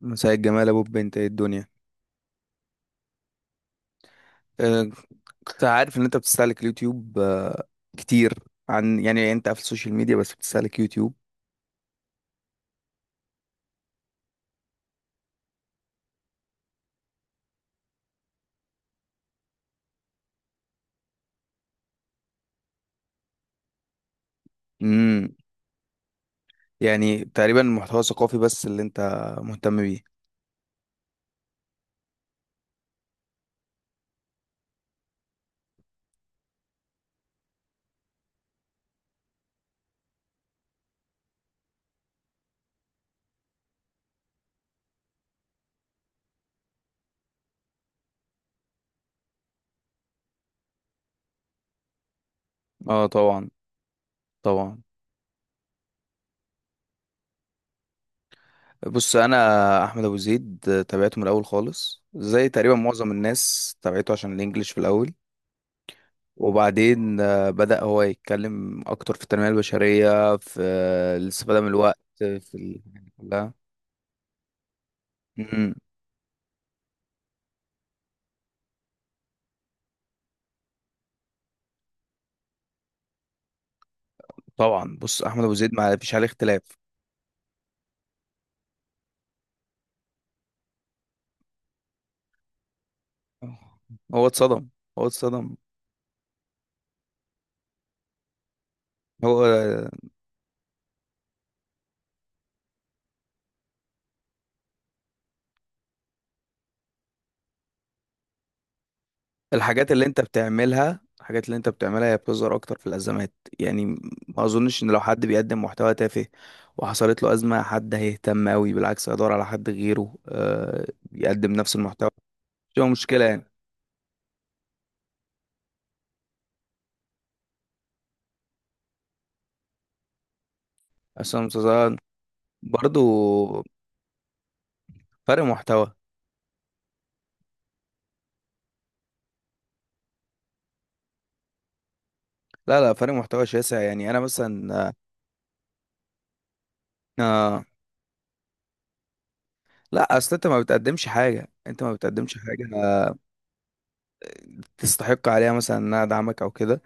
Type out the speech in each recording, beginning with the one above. مساء الجمال ابو بنت، ايه الدنيا؟ أه. كنت عارف ان انت بتستهلك اليوتيوب كتير. عن يعني انت في السوشيال ميديا بس بتستهلك يوتيوب؟ امم. يعني تقريبا المحتوى الثقافي بس اللي انت مهتم بيه؟ اه طبعا، طبعا. بص انا احمد ابو زيد تابعته من الاول خالص، زي تقريبا معظم الناس تابعته عشان الانجليش في الاول. وبعدين بدأ هو يتكلم اكتر في التنمية البشرية، في الاستفادة من الوقت في الحاجات دي كلها. مم. طبعا، بص احمد ابو زيد ما فيش عليه اختلاف. هو اتصدم، هو اتصدم. هو الحاجات اللي انت بتعملها، هي بتظهر اكتر في الازمات. يعني ما اظنش ان لو حد بيقدم محتوى تافه وحصلت له ازمه حد هيهتم قوي، بالعكس هيدور على حد غيره يقدم نفس المحتوى. شو مشكله يعني؟ عشان مسلسلات، برضو فرق محتوى. لا لا، فرق محتوى شاسع، يعني انا مثلا آه لا، اصل انت ما بتقدمش حاجه تستحق عليها، مثلا ان انا ادعمك او كده.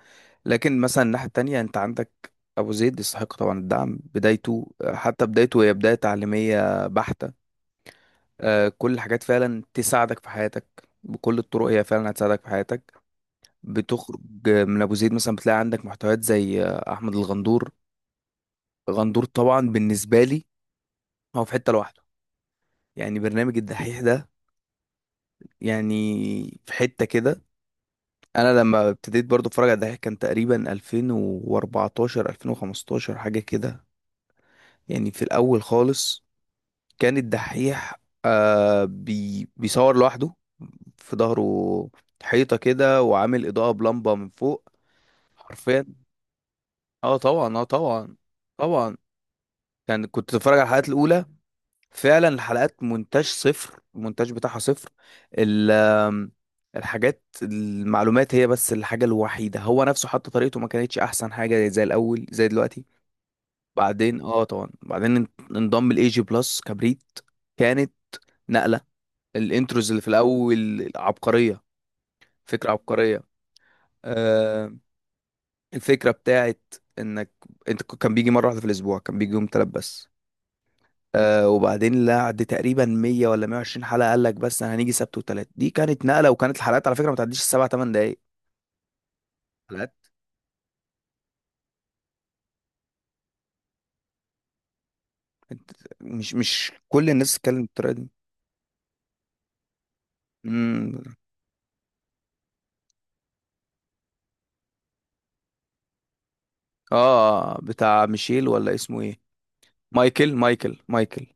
لكن مثلا الناحيه التانية، انت عندك ابو زيد يستحق طبعا الدعم، بدايته حتى بدايته هي بدايه تعليميه بحته، كل الحاجات فعلا تساعدك في حياتك بكل الطرق، هي فعلا هتساعدك في حياتك. بتخرج من ابو زيد مثلا، بتلاقي عندك محتويات زي احمد الغندور. غندور طبعا بالنسبه لي هو في حته لوحده، يعني برنامج الدحيح ده، يعني في حته كده. انا لما ابتديت برضو اتفرج على الدحيح كان تقريبا 2014 2015 حاجه كده. يعني في الاول خالص كان الدحيح آه بي بيصور لوحده، في ظهره حيطه كده وعامل اضاءه بلمبه من فوق. حرفيا. اه طبعا، اه طبعا، طبعا. يعني كنت اتفرج على الحلقات الاولى، فعلا الحلقات مونتاج صفر، المونتاج بتاعها صفر. ال- آم، الحاجات المعلومات هي بس الحاجة الوحيدة، هو نفسه حتى طريقته ما كانتش أحسن حاجة زي الأول زي دلوقتي. بعدين اه طبعا، بعدين انضم الاي جي بلس كبريت، كانت نقلة. الانتروز اللي في الأول عبقرية، فكرة عبقرية. آه الفكرة بتاعت انك انت كان بيجي مرة واحدة في الأسبوع، كان بيجي يوم تلات بس. وبعدين لعد تقريبا 100 ولا 120 حلقه قال لك بس انا هنيجي سبت وتلات، دي كانت نقله، وكانت الحلقات على فكره ما تعديش السبع ثمان دقائق حلقات. كانت- مش كل الناس بتتكلم بالطريقه دي. امم. اه، بتاع ميشيل، ولا اسمه ايه؟ مايكل، مايكل، مايكل.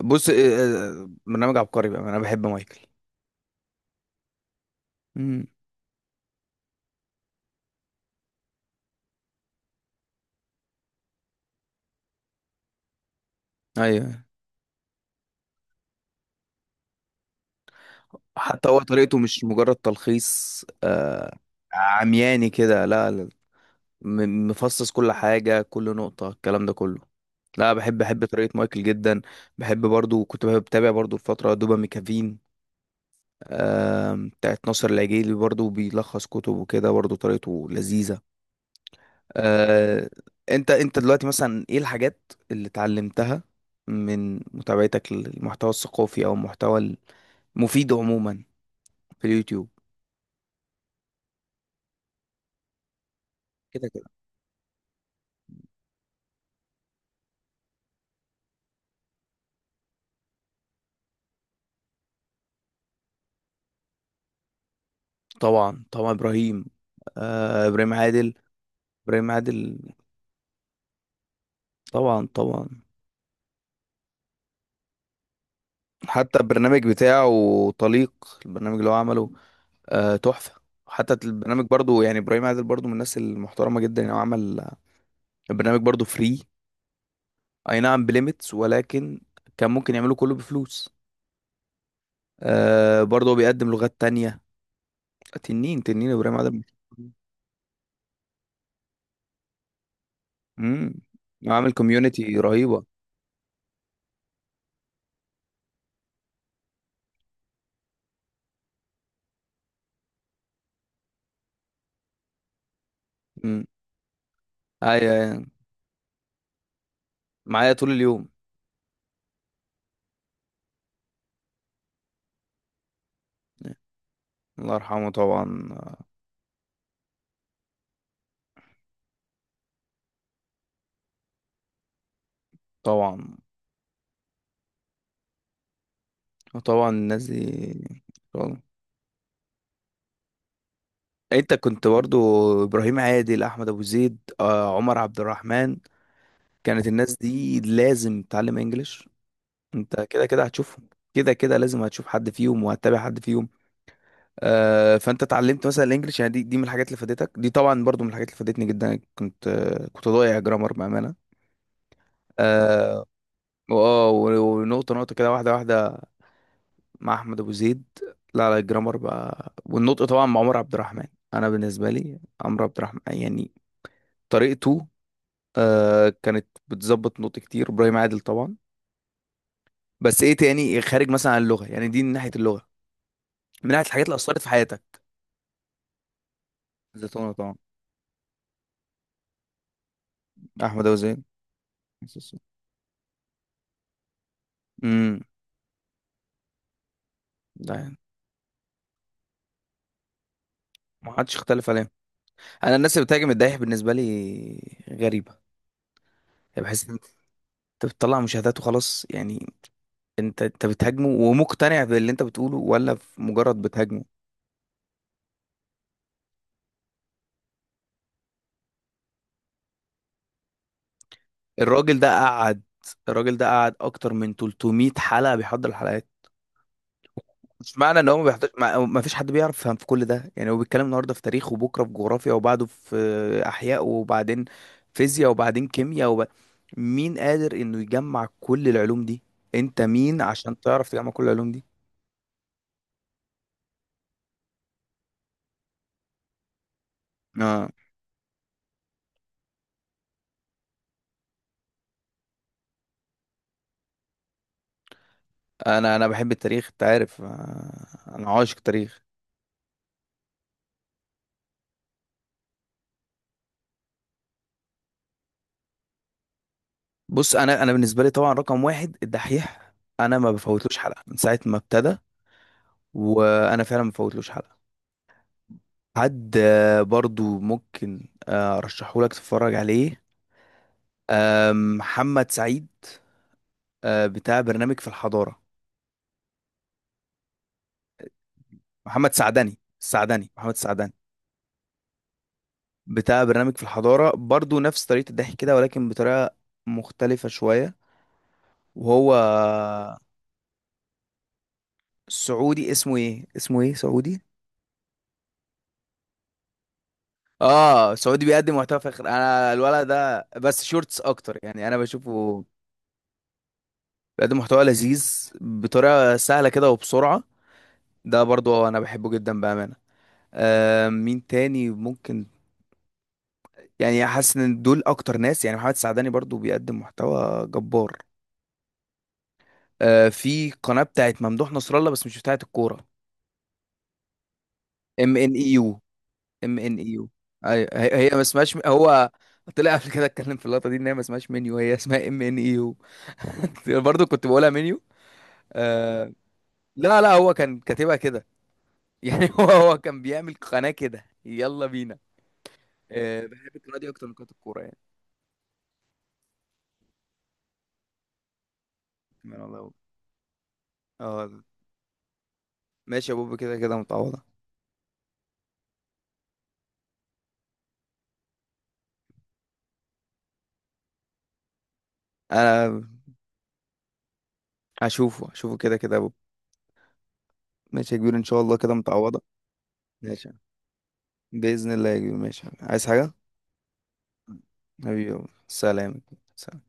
بص برنامج عبقري بقى، انا بحب مايكل. امم. ايوه. حتى هو طريقته مش مجرد تلخيص عمياني كده، لا لا. مفصص كل حاجة، كل نقطة، الكلام ده كله. لا بحب، طريقة مايكل جدا. بحب برضو، كنت بتابع برضو الفترة دوبا ميكافين، بتاعت ناصر العجيلي، برضو بيلخص كتب وكده، برضو طريقته لذيذة. آه، انت دلوقتي مثلا ايه الحاجات اللي اتعلمتها من متابعتك للمحتوى الثقافي او المحتوى المفيد عموما في اليوتيوب؟ كده كده طبعا، طبعا ابراهيم، ابراهيم عادل، ابراهيم عادل، طبعا طبعا. حتى البرنامج بتاعه طليق، البرنامج اللي هو عمله تحفة. حتى البرنامج برضو، يعني إبراهيم عادل برضو من الناس المحترمة جدا، يعني هو عمل البرنامج برضو فري، أي نعم بليميتس، ولكن كان ممكن يعمله كله بفلوس. برضو هو بيقدم لغات تانية. تنين تنين إبراهيم عادل. امم. عامل كوميونتي رهيبة. امم. أيوة أيوة. معايا طول اليوم. الله يرحمه طبعا. طبعا، طبعا الناس دي. انت كنت برضو ابراهيم عادل، احمد ابو زيد، عمر عبد الرحمن. كانت الناس دي لازم تتعلم انجليش. انت كده كده هتشوفهم، كده كده لازم هتشوف حد فيهم وهتتابع حد فيهم. فانت اتعلمت مثلا الانجليش، يعني دي من الحاجات اللي فادتك، دي طبعا برضو من الحاجات اللي فادتني جدا. كنت ضايع جرامر بامانه. اه. ونقطه نقطه كده، واحده واحده، مع احمد ابو زيد. لا لا، الجرامر بقى والنطق طبعا مع عمر عبد الرحمن. انا بالنسبه لي عمرو عبد الرحمن، يعني طريقته كانت بتظبط نقط كتير. ابراهيم عادل طبعا. بس ايه تاني، إيه، خارج مثلا عن اللغه؟ يعني دي من ناحيه اللغه، من ناحيه الحاجات اللي اثرت في حياتك. زيتونه طبعا، احمد ابو زيد. امم. ده يعني ما حدش اختلف عليهم. انا الناس اللي بتهاجم الدايح بالنسبه لي غريبه، يعني بحس ان انت بتطلع مشاهدات وخلاص يعني. انت بتهاجمه ومقتنع باللي انت بتقوله، ولا في مجرد بتهاجمه؟ الراجل ده قعد الراجل ده قعد اكتر من 300 حلقه بيحضر الحلقات. مش معنى ان هو ما بيحتاج، ما فيش حد بيعرف يفهم في كل ده، يعني هو بيتكلم النهارده في تاريخ وبكره في جغرافيا وبعده في احياء، وبعدين فيزياء وبعدين كيمياء مين قادر انه يجمع كل العلوم دي؟ انت مين عشان تعرف تجمع كل العلوم دي؟ اه. انا بحب التاريخ، انت عارف، انا عاشق تاريخ. بص انا بالنسبه لي طبعا رقم واحد الدحيح، انا ما بفوتلوش حلقه من ساعه ما ابتدى، وانا فعلا ما بفوتلوش حلقه. حد برضو ممكن ارشحه لك تتفرج عليه، محمد سعيد، بتاع برنامج في الحضارة. محمد سعدني، السعدني، محمد سعدني، بتاع برنامج في الحضارة، برضو نفس طريقة الضحك كده، ولكن بطريقة مختلفة شوية. وهو سعودي، اسمه ايه سعودي؟ اه، سعودي بيقدم محتوى فاخر. انا الولد ده بس شورتس اكتر، يعني انا بشوفه، بيقدم محتوى لذيذ بطريقة سهلة كده وبسرعة، ده برضو انا بحبه جدا بأمانة. مين تاني ممكن؟ يعني حاسس ان دول اكتر ناس، يعني محمد السعداني برضو بيقدم محتوى جبار. في قناة بتاعت ممدوح نصر الله، بس مش بتاعت الكورة. ام ان اي يو. ام ان اي يو، هي هي ما اسمهاش، هو طلع قبل كده اتكلم في اللقطة دي ان هي ما اسمهاش منيو، هي اسمها ام ان اي يو. برضو كنت بقولها منيو. آه لا لا، هو كان كاتبها كده يعني. هو كان بيعمل قناة كده يلا بينا. بحب القناة دي اكتر من قناة الكورة يعني. من الله. اه، ماشي يا بوب، كده كده متعوضة. انا هشوفه هشوفه كده كده يا بوب. ماشي يا كبير، ان شاء الله كده متعوضة. ماشي، باذن الله يا كبير. ماشي، عايز حاجة؟ حبيبي يا بوب. سلام. سلام.